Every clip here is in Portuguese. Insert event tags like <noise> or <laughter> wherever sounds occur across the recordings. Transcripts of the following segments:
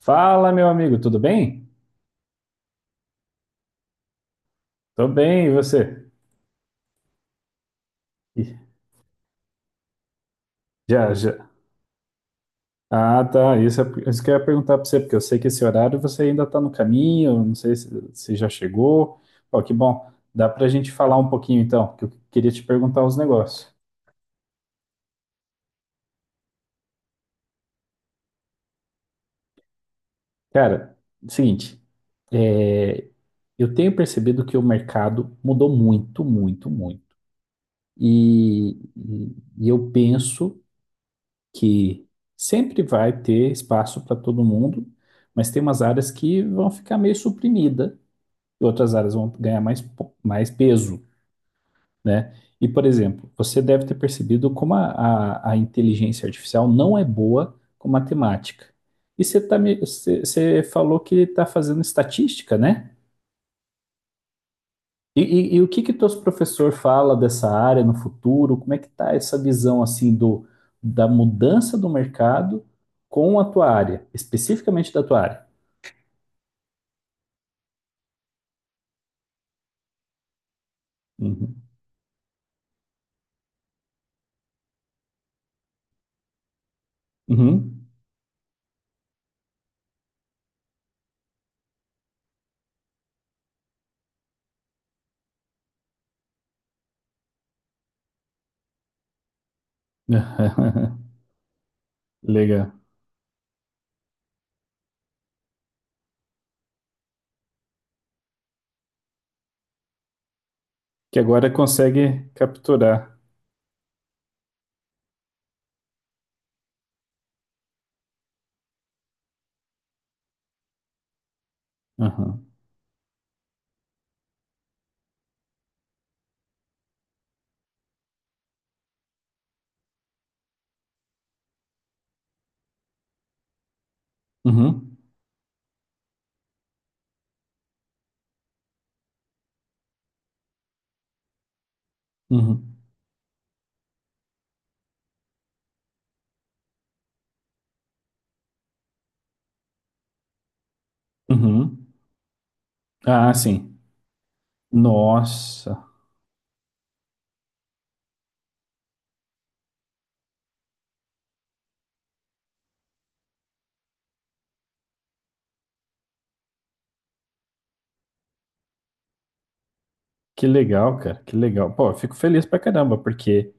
Fala, meu amigo, tudo bem? Tô bem, e você? Ih, já, já. Ah, tá. Isso, isso que eu ia perguntar pra você, porque eu sei que esse horário você ainda tá no caminho, não sei se já chegou. Ó, que bom. Dá pra gente falar um pouquinho então, que eu queria te perguntar uns negócios. Cara, seguinte, é, eu tenho percebido que o mercado mudou muito, muito, muito. E, e eu penso que sempre vai ter espaço para todo mundo, mas tem umas áreas que vão ficar meio suprimida e outras áreas vão ganhar mais, mais peso, né? E, por exemplo, você deve ter percebido como a inteligência artificial não é boa com matemática. E você, tá, você falou que está fazendo estatística, né? E o que que teus professor fala dessa área no futuro? Como é que tá essa visão assim do da mudança do mercado com a tua área, especificamente da tua área? Uhum. Uhum. <laughs> Legal. Que agora consegue capturar. Uhum. Uhum. Uhum. Uhum. Ah, sim. Nossa, que legal, cara, que legal. Pô, eu fico feliz pra caramba, porque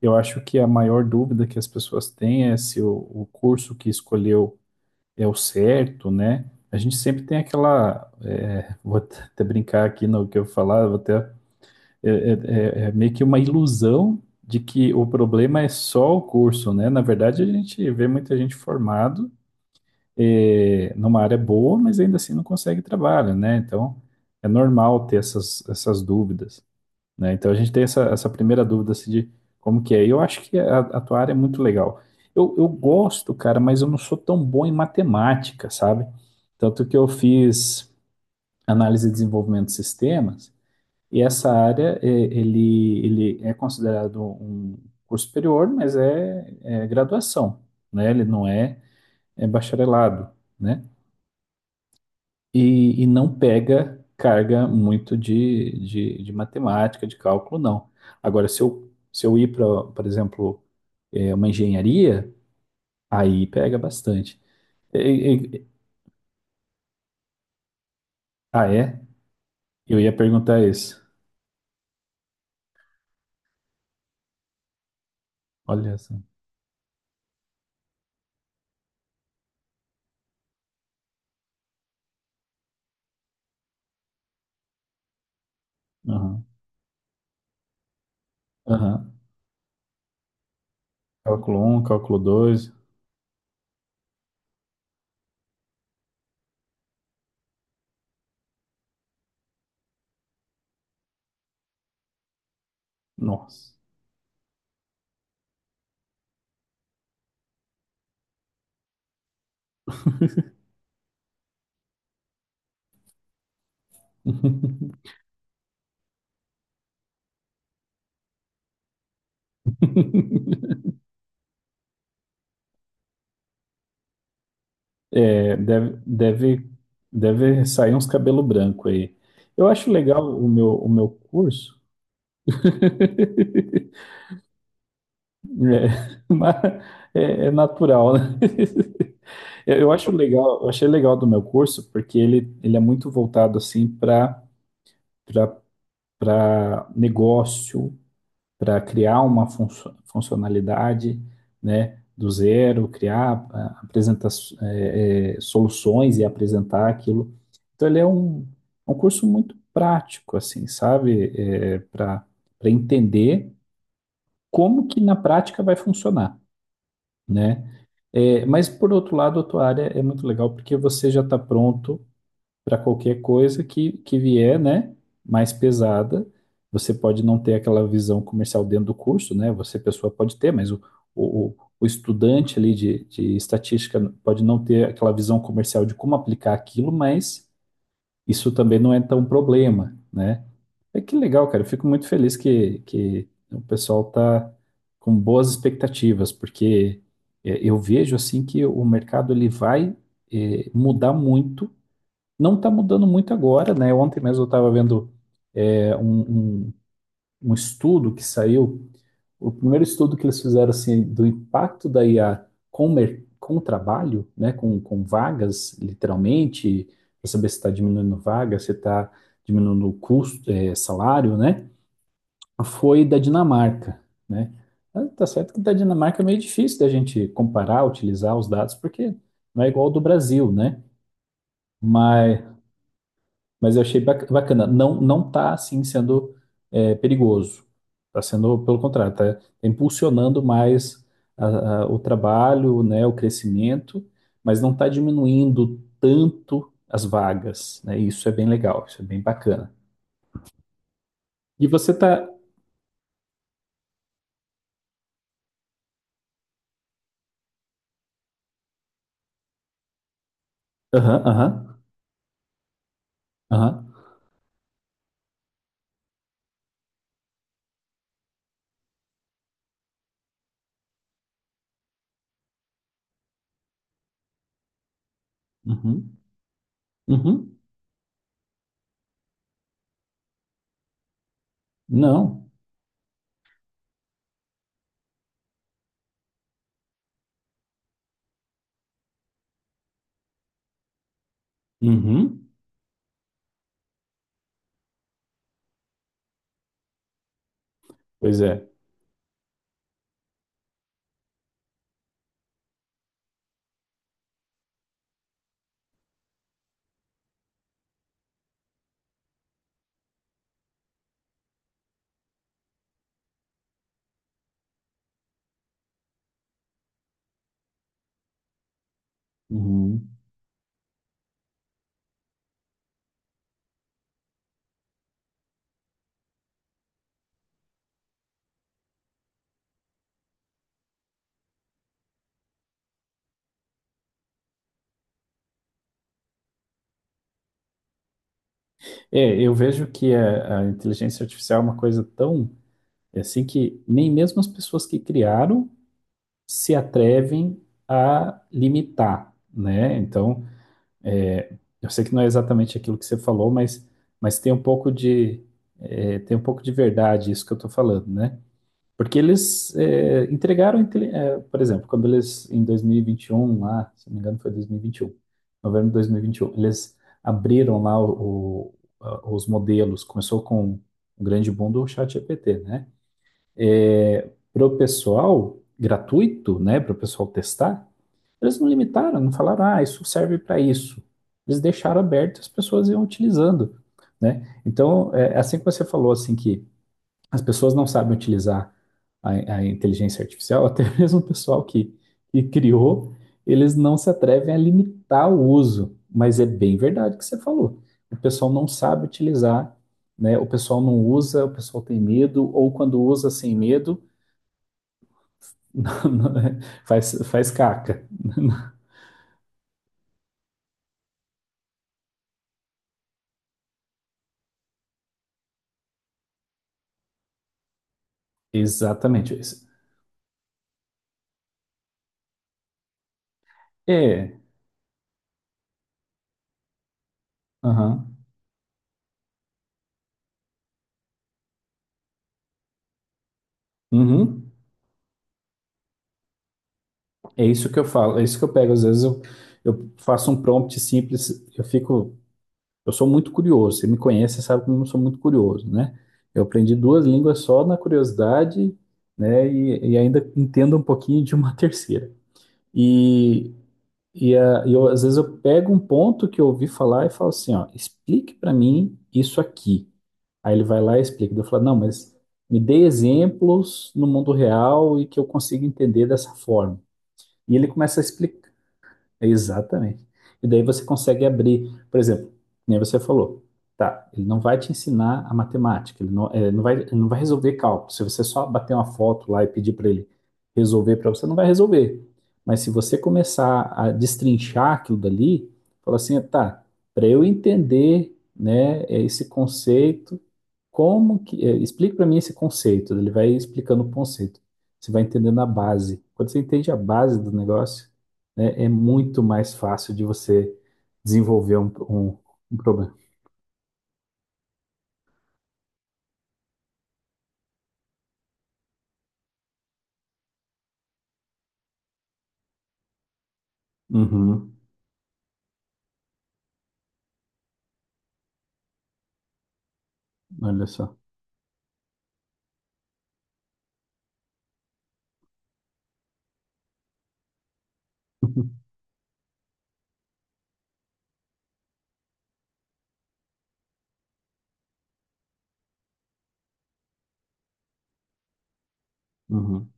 eu acho que a maior dúvida que as pessoas têm é se o curso que escolheu é o certo, né? A gente sempre tem aquela. É, vou até <laughs> até brincar aqui no que eu falar, vou até, é, é- é meio que uma ilusão de que o problema é só o curso, né? Na verdade, a gente vê muita gente formado, é, numa área boa, mas ainda assim não consegue trabalho, né? Então é normal ter essas dúvidas, né? Então a gente tem essa primeira dúvida assim, de como que é. Eu acho que a tua área é muito legal. Eu gosto, cara, mas eu não sou tão bom em matemática, sabe? Tanto que eu fiz análise e desenvolvimento de sistemas, e essa área, é, ele é considerado um curso superior, mas é graduação, né? Ele não é, é bacharelado, né? E não pega carga muito de matemática, de cálculo, não. Agora, se eu ir para, por exemplo, é, uma engenharia, aí pega bastante. E- e- e- ah, é? Eu ia perguntar isso. Olha só. Aham, aham. Cálculo um, cálculo dois. Nossa. <laughs> É, deve sair uns cabelo branco aí. Eu acho legal o meu curso. <laughs> É, <laughs> mas é natural, né? <laughs> Eu acho legal, eu achei legal do meu curso, porque ele é muito voltado assim para para negócio, para criar uma funcionalidade, né, do zero, criar, apresentar, soluções e apresentar aquilo. Então ele é um, um curso muito prático, assim, sabe? É, para para entender como que na prática vai funcionar, né? É, mas por outro lado, a tua área é muito legal porque você já está pronto para qualquer coisa que vier, né? Mais pesada. Você pode não ter aquela visão comercial dentro do curso, né? Você, pessoa, pode ter, mas o, o estudante ali de estatística pode não ter aquela visão comercial de como aplicar aquilo, mas isso também não é tão problema, né? É que legal, cara. Eu fico muito feliz que o pessoal tá com boas expectativas, porque é, eu vejo assim que o mercado ele vai é, mudar muito. Não está mudando muito agora, né? Ontem mesmo eu estava vendo é, um, um estudo que saiu, o primeiro estudo que eles fizeram assim do impacto da IA com, com o trabalho, né? Com vagas, literalmente, para saber se está diminuindo vaga, se está diminuindo o custo, é, salário, né? Foi da Dinamarca, né? Ah, tá certo que da Dinamarca é meio difícil da gente comparar, utilizar os dados, porque não é igual ao do Brasil, né? Mas, mas eu achei bacana. Não, não tá, assim, sendo é, perigoso. Tá sendo, pelo contrário, tá impulsionando mais o trabalho, né, o crescimento, mas não tá diminuindo tanto as vagas, né? Isso é bem legal, isso é bem bacana. E você tá... Aham, aham, aham, uhum, uhum. Não. Uhum. Pois é. Uhum. É, eu vejo que a inteligência artificial é uma coisa tão é assim que nem mesmo as pessoas que criaram se atrevem a limitar, né? Então, é, eu sei que não é exatamente aquilo que você falou, mas tem um pouco de é, tem um pouco de verdade isso que eu estou falando, né? Porque eles é, entregaram, é, por exemplo, quando eles, em 2021, lá, se não me engano foi 2021, novembro de 2021, eles abriram lá os modelos, começou com o grande boom do ChatGPT, né? Para o pessoal, gratuito, né, para o pessoal testar, eles não limitaram, não falaram, ah, isso serve para isso. Eles deixaram aberto e as pessoas iam utilizando, né? Então, é assim que você falou, assim, que as pessoas não sabem utilizar a, a inteligência artificial, <laughs> até mesmo o pessoal que criou, eles não se atrevem a limitar o uso. Mas é bem verdade o que você falou. O pessoal não sabe utilizar, né? O pessoal não usa, o pessoal tem medo, ou quando usa sem medo, <laughs> não- não é- faz, faz caca. <laughs> Exatamente isso. É, aham, uhum. É isso que eu falo, é isso que eu pego. Às vezes eu faço um prompt simples, eu fico. Eu sou muito curioso. Você me conhece, você sabe como eu sou muito curioso, né? Eu aprendi duas línguas só na curiosidade, né? Ainda entendo um pouquinho de uma <laughs> terceira. E, e eu, às vezes eu pego um ponto que eu ouvi falar e falo assim, ó, explique para mim isso aqui. Aí ele vai lá e explica. Daí eu falo, não, mas me dê exemplos no mundo real e que eu consiga entender dessa forma. E ele começa a explicar. Exatamente. E daí você consegue abrir, por exemplo, nem você falou, tá, ele não vai te ensinar a matemática, ele não, não vai, ele não vai resolver cálculo. Se você só bater uma foto lá e pedir para ele resolver para você, não vai resolver. Mas se você começar a destrinchar aquilo dali, falar assim, tá, para eu entender, né, esse conceito, como que, explica para mim esse conceito, ele vai explicando o conceito. Você vai entendendo a base. Quando você entende a base do negócio, é, é muito mais fácil de você desenvolver um problema. Uhum, olha só. <laughs> Uhum.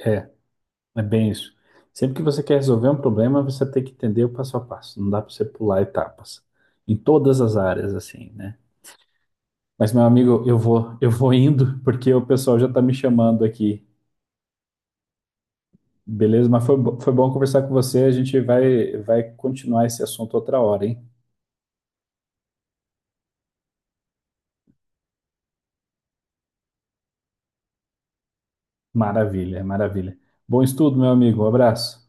É, é bem isso. Sempre que você quer resolver um problema, você tem que entender o passo a passo. Não dá para você pular etapas. Em todas as áreas, assim, né? Mas, meu amigo, eu vou indo, porque o pessoal já está me chamando aqui. Beleza? Mas foi, foi bom conversar com você. A gente vai, vai continuar esse assunto outra hora, hein? Maravilha, maravilha. Bom estudo, meu amigo. Um abraço.